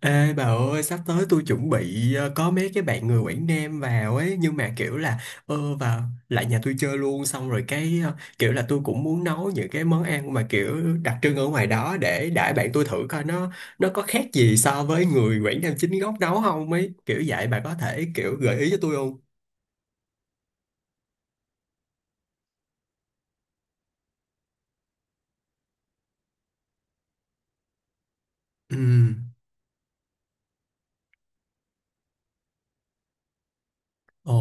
Ê bà ơi, sắp tới tôi chuẩn bị có mấy cái bạn người Quảng Nam vào ấy, nhưng mà kiểu là vào lại nhà tôi chơi luôn. Xong rồi cái kiểu là tôi cũng muốn nấu những cái món ăn mà kiểu đặc trưng ở ngoài đó để đãi bạn tôi, thử coi nó có khác gì so với người Quảng Nam chính gốc nấu không, ấy kiểu vậy. Bà có thể kiểu gợi ý cho tôi không? Ừ. Ồ.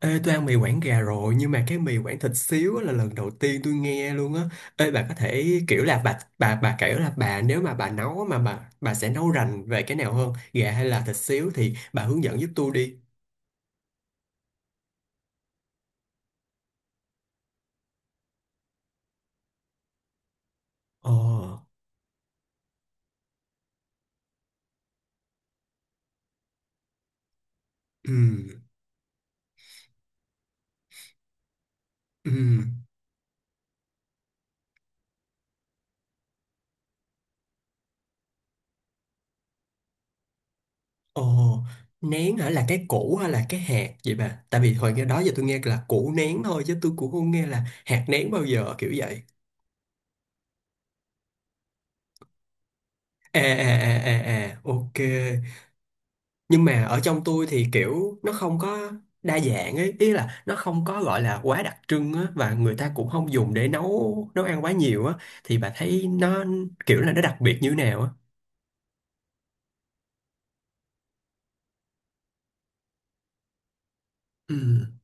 Ê, tôi ăn mì Quảng gà rồi, nhưng mà cái mì Quảng thịt xíu á là lần đầu tiên tôi nghe luôn á. Ê, bà có thể kiểu là bà kiểu là bà, nếu mà bà nấu á, mà bà sẽ nấu rành về cái nào hơn, gà hay là thịt xíu, thì bà hướng dẫn giúp tôi đi. Ờ. Ừ. Ừ. Ờ. Nén hả, là cái củ hay là cái hạt vậy bà? Tại vì hồi nghe đó giờ tôi nghe là củ nén thôi chứ tôi cũng không nghe là hạt nén bao giờ, kiểu vậy. À, à, à, à, à, ok. Nhưng mà ở trong tôi thì kiểu nó không có đa dạng ấy, ý là nó không có gọi là quá đặc trưng á, và người ta cũng không dùng để nấu nấu ăn quá nhiều á. Thì bà thấy nó kiểu là nó đặc biệt như thế nào á? Ừ,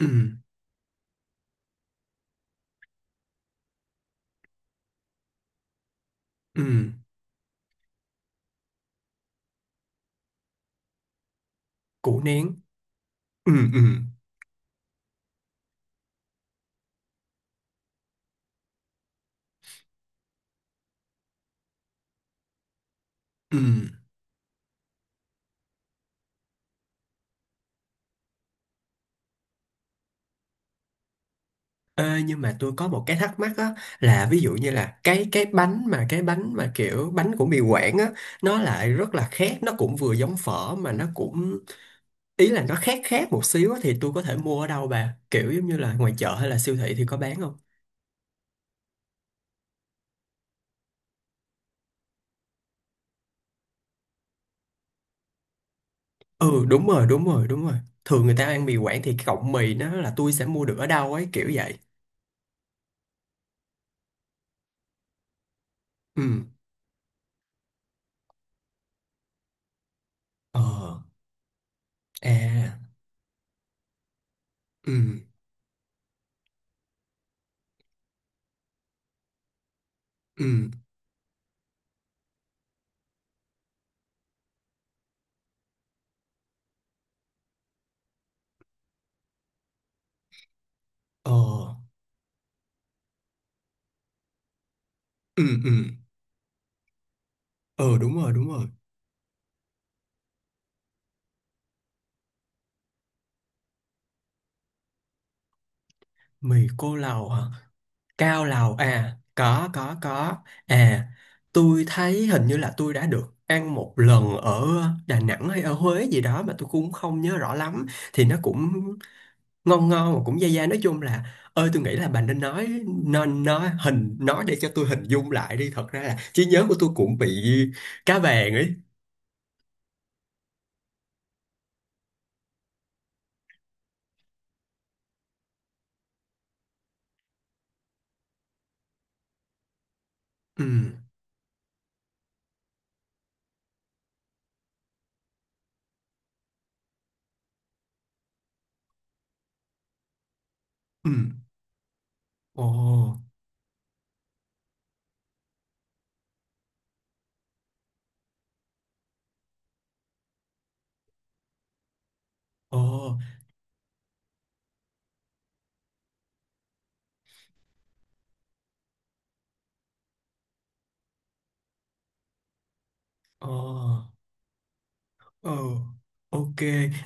ừ, ừ, củ nén, ừ, ừ, ừ. Ê, nhưng mà tôi có một cái thắc mắc á, là ví dụ như là cái bánh mà kiểu bánh của mì Quảng á, nó lại rất là khác, nó cũng vừa giống phở mà nó cũng, ý là nó khác khác một xíu á. Thì tôi có thể mua ở đâu bà, kiểu giống như là ngoài chợ hay là siêu thị thì có bán không? Ừ, đúng rồi, đúng rồi, đúng rồi. Thường người ta ăn mì Quảng thì cái cọng mì, nó là tôi sẽ mua được ở đâu ấy, kiểu vậy? Ừ. Ờ. À. Ừ. Ừ. Ờ. Ừ. Ừ. Ờ, đúng rồi, đúng rồi. Mì cô lầu hả? Cao lầu à? Có, có, có. À, tôi thấy hình như là tôi đã được ăn một lần ở Đà Nẵng hay ở Huế gì đó, mà tôi cũng không nhớ rõ lắm. Thì nó cũng ngon ngon mà cũng dai dai, nói chung là, ơi, tôi nghĩ là bà nên nói hình, nói để cho tôi hình dung lại đi. Thật ra là trí nhớ của tôi cũng bị cá vàng ấy. Ừ. Ừ. Ồ. Ồ. Ồ. Ồ. Ok.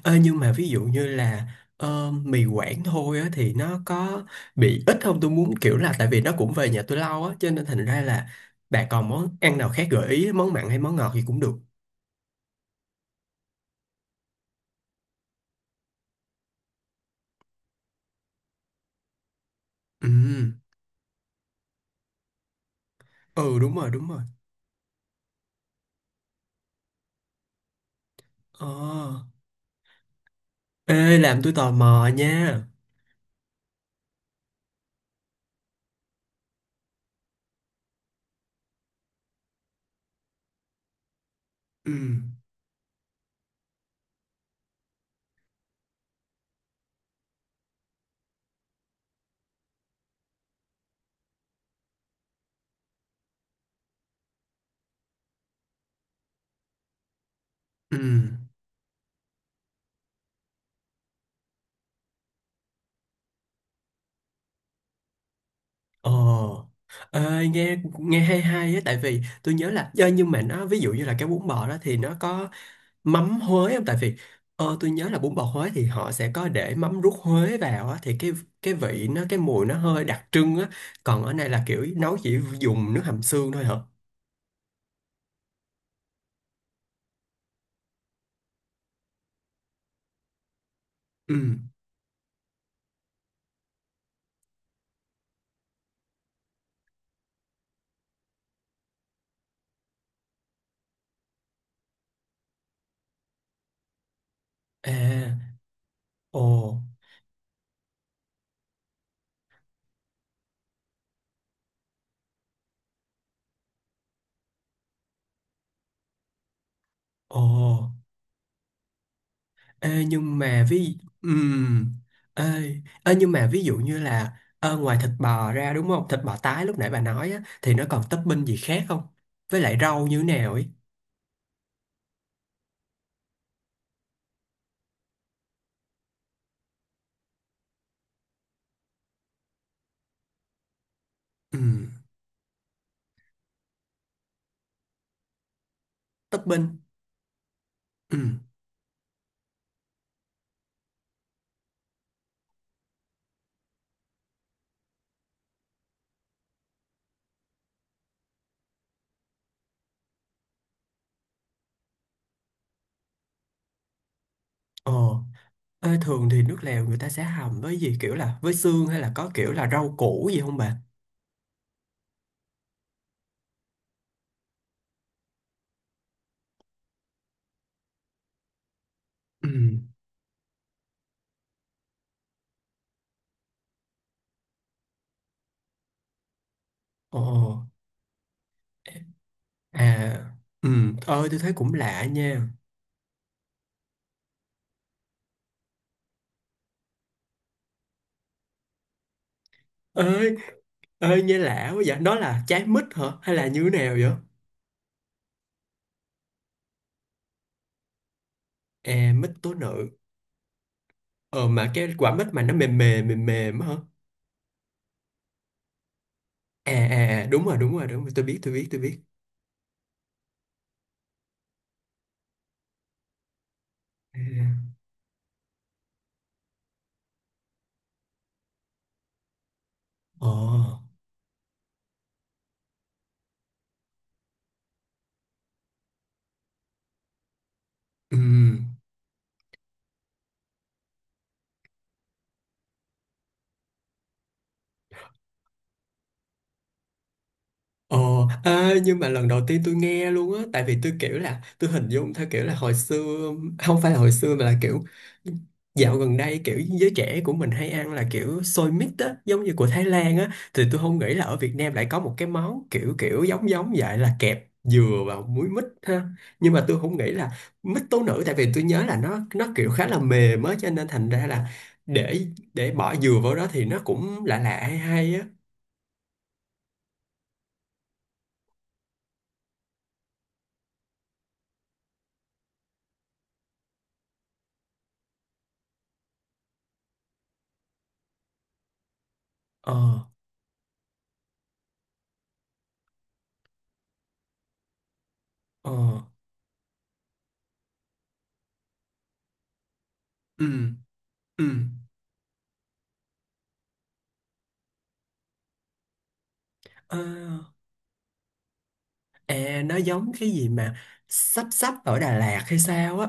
Ơ, nhưng mà ví dụ như là mì Quảng thôi á, thì nó có bị ít không? Tôi muốn kiểu là, tại vì nó cũng về nhà tôi lâu á, cho nên thành ra là bà còn món ăn nào khác gợi ý, món mặn hay món ngọt gì cũng được. Ừ. Ừ, đúng rồi, đúng rồi. Ờ. Ê, làm tôi tò mò nha. Ừ. Ừ. Ờ. Ê, nghe nghe hay hay á, tại vì tôi nhớ là nhưng mà nó, ví dụ như là cái bún bò đó thì nó có mắm Huế không? Tại vì tôi nhớ là bún bò Huế thì họ sẽ có để mắm ruốc Huế vào á, thì cái vị nó, cái mùi nó hơi đặc trưng á. Còn ở đây là kiểu nấu chỉ dùng nước hầm xương thôi hả? Ừ. À. Ồ. Ồ. Ê, nhưng mà ừm, ê, ví dụ như là ngoài thịt bò ra đúng không? Thịt bò tái lúc nãy bà nói á, thì nó còn topping gì khác không? Với lại rau như thế nào ấy? Ừm, topping. Ừm. Ồ. Ê, thường thì nước lèo người ta sẽ hầm với gì, kiểu là với xương hay là có kiểu là rau củ gì không bà? Ừm. Ồ. À, ơi tôi thấy cũng lạ nha. Ơi, ơi, nghe lạ quá vậy. Nó là trái mít hả? Hay là như thế nào vậy? À, mít tố nữ. Ờ mà cái quả mít mà nó mềm mềm mềm mềm á hả? À. À. À, đúng rồi, đúng rồi, đúng rồi, tôi biết, tôi biết, tôi biết. À. À. Ờ. Ừ. Ờ. À, nhưng mà lần đầu tiên tôi nghe luôn á. Tại vì tôi kiểu là, tôi hình dung theo kiểu là hồi xưa, không phải là hồi xưa mà là kiểu dạo gần đây, kiểu giới trẻ của mình hay ăn là kiểu xôi mít á, giống như của Thái Lan á. Thì tôi không nghĩ là ở Việt Nam lại có một cái món kiểu kiểu giống giống vậy, là kẹp dừa vào muối mít ha. Nhưng mà tôi không nghĩ là mít tố nữ. Tại vì tôi nhớ là nó kiểu khá là mềm á, cho nên thành ra là để để bỏ dừa vào đó thì nó cũng lạ lạ hay hay á. Ờ. Ờ. Ừ. Ừ. Ờ, à, nó giống cái gì mà sắp sắp ở Đà Lạt hay sao á?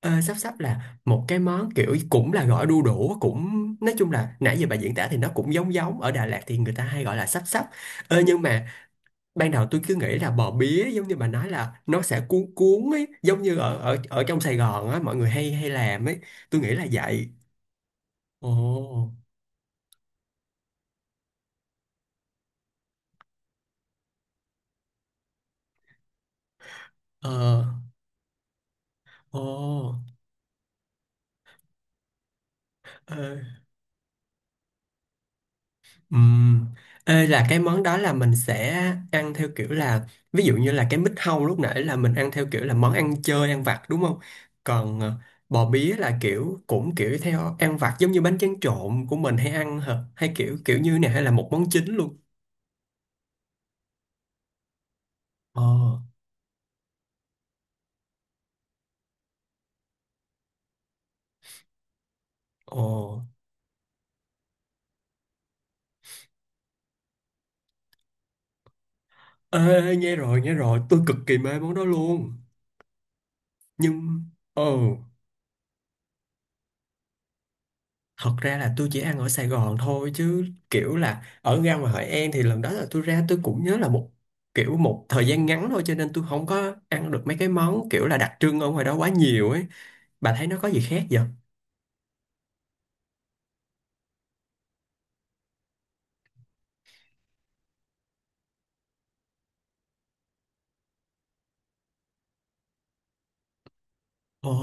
Ờ, sắp sắp là một cái món kiểu cũng là gỏi đu đủ, cũng nói chung là, nãy giờ bà diễn tả thì nó cũng giống giống ở Đà Lạt, thì người ta hay gọi là sắp sắp. Ờ, nhưng mà ban đầu tôi cứ nghĩ là bò bía giống như bà nói, là nó sẽ cuốn cuốn ấy, giống như ở ở ở trong Sài Gòn á, mọi người hay hay làm ấy, tôi nghĩ là vậy. Ồ. Ờ. Ồ. Ờ. Ừm. Ê, là cái món đó là mình sẽ ăn theo kiểu là, ví dụ như là cái mít hâu lúc nãy là mình ăn theo kiểu là món ăn chơi ăn vặt đúng không? Còn bò bía là kiểu cũng kiểu theo ăn vặt giống như bánh tráng trộn của mình hay ăn hả? Hay kiểu kiểu như này, hay là một món chính luôn? Ờ. Ồ. Ê, nghe rồi, tôi cực kỳ mê món đó luôn. Nhưng ờ thật ra là tôi chỉ ăn ở Sài Gòn thôi, chứ kiểu là ở ra ngoài Hội An thì lần đó là tôi ra, tôi cũng nhớ là một kiểu một thời gian ngắn thôi, cho nên tôi không có ăn được mấy cái món kiểu là đặc trưng ở ngoài đó quá nhiều ấy. Bà thấy nó có gì khác vậy? Ồ.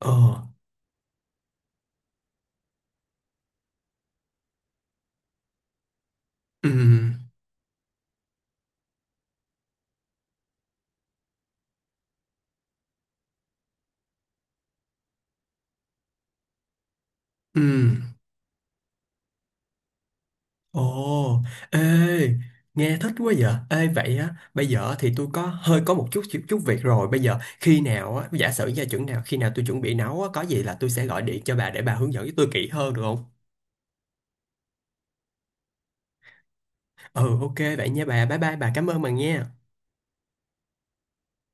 Ồ. Ừm. Ừm. Ồ. Ê, nghe thích quá vậy. Ê, vậy á, bây giờ thì tôi có hơi có một chút chút, chút việc rồi. Bây giờ khi nào á, giả sử gia chừng nào khi nào tôi chuẩn bị nấu á, có gì là tôi sẽ gọi điện cho bà để bà hướng dẫn với tôi kỹ hơn được không? Ừ, ok vậy nha bà. Bye bye, bà cảm ơn bà nha.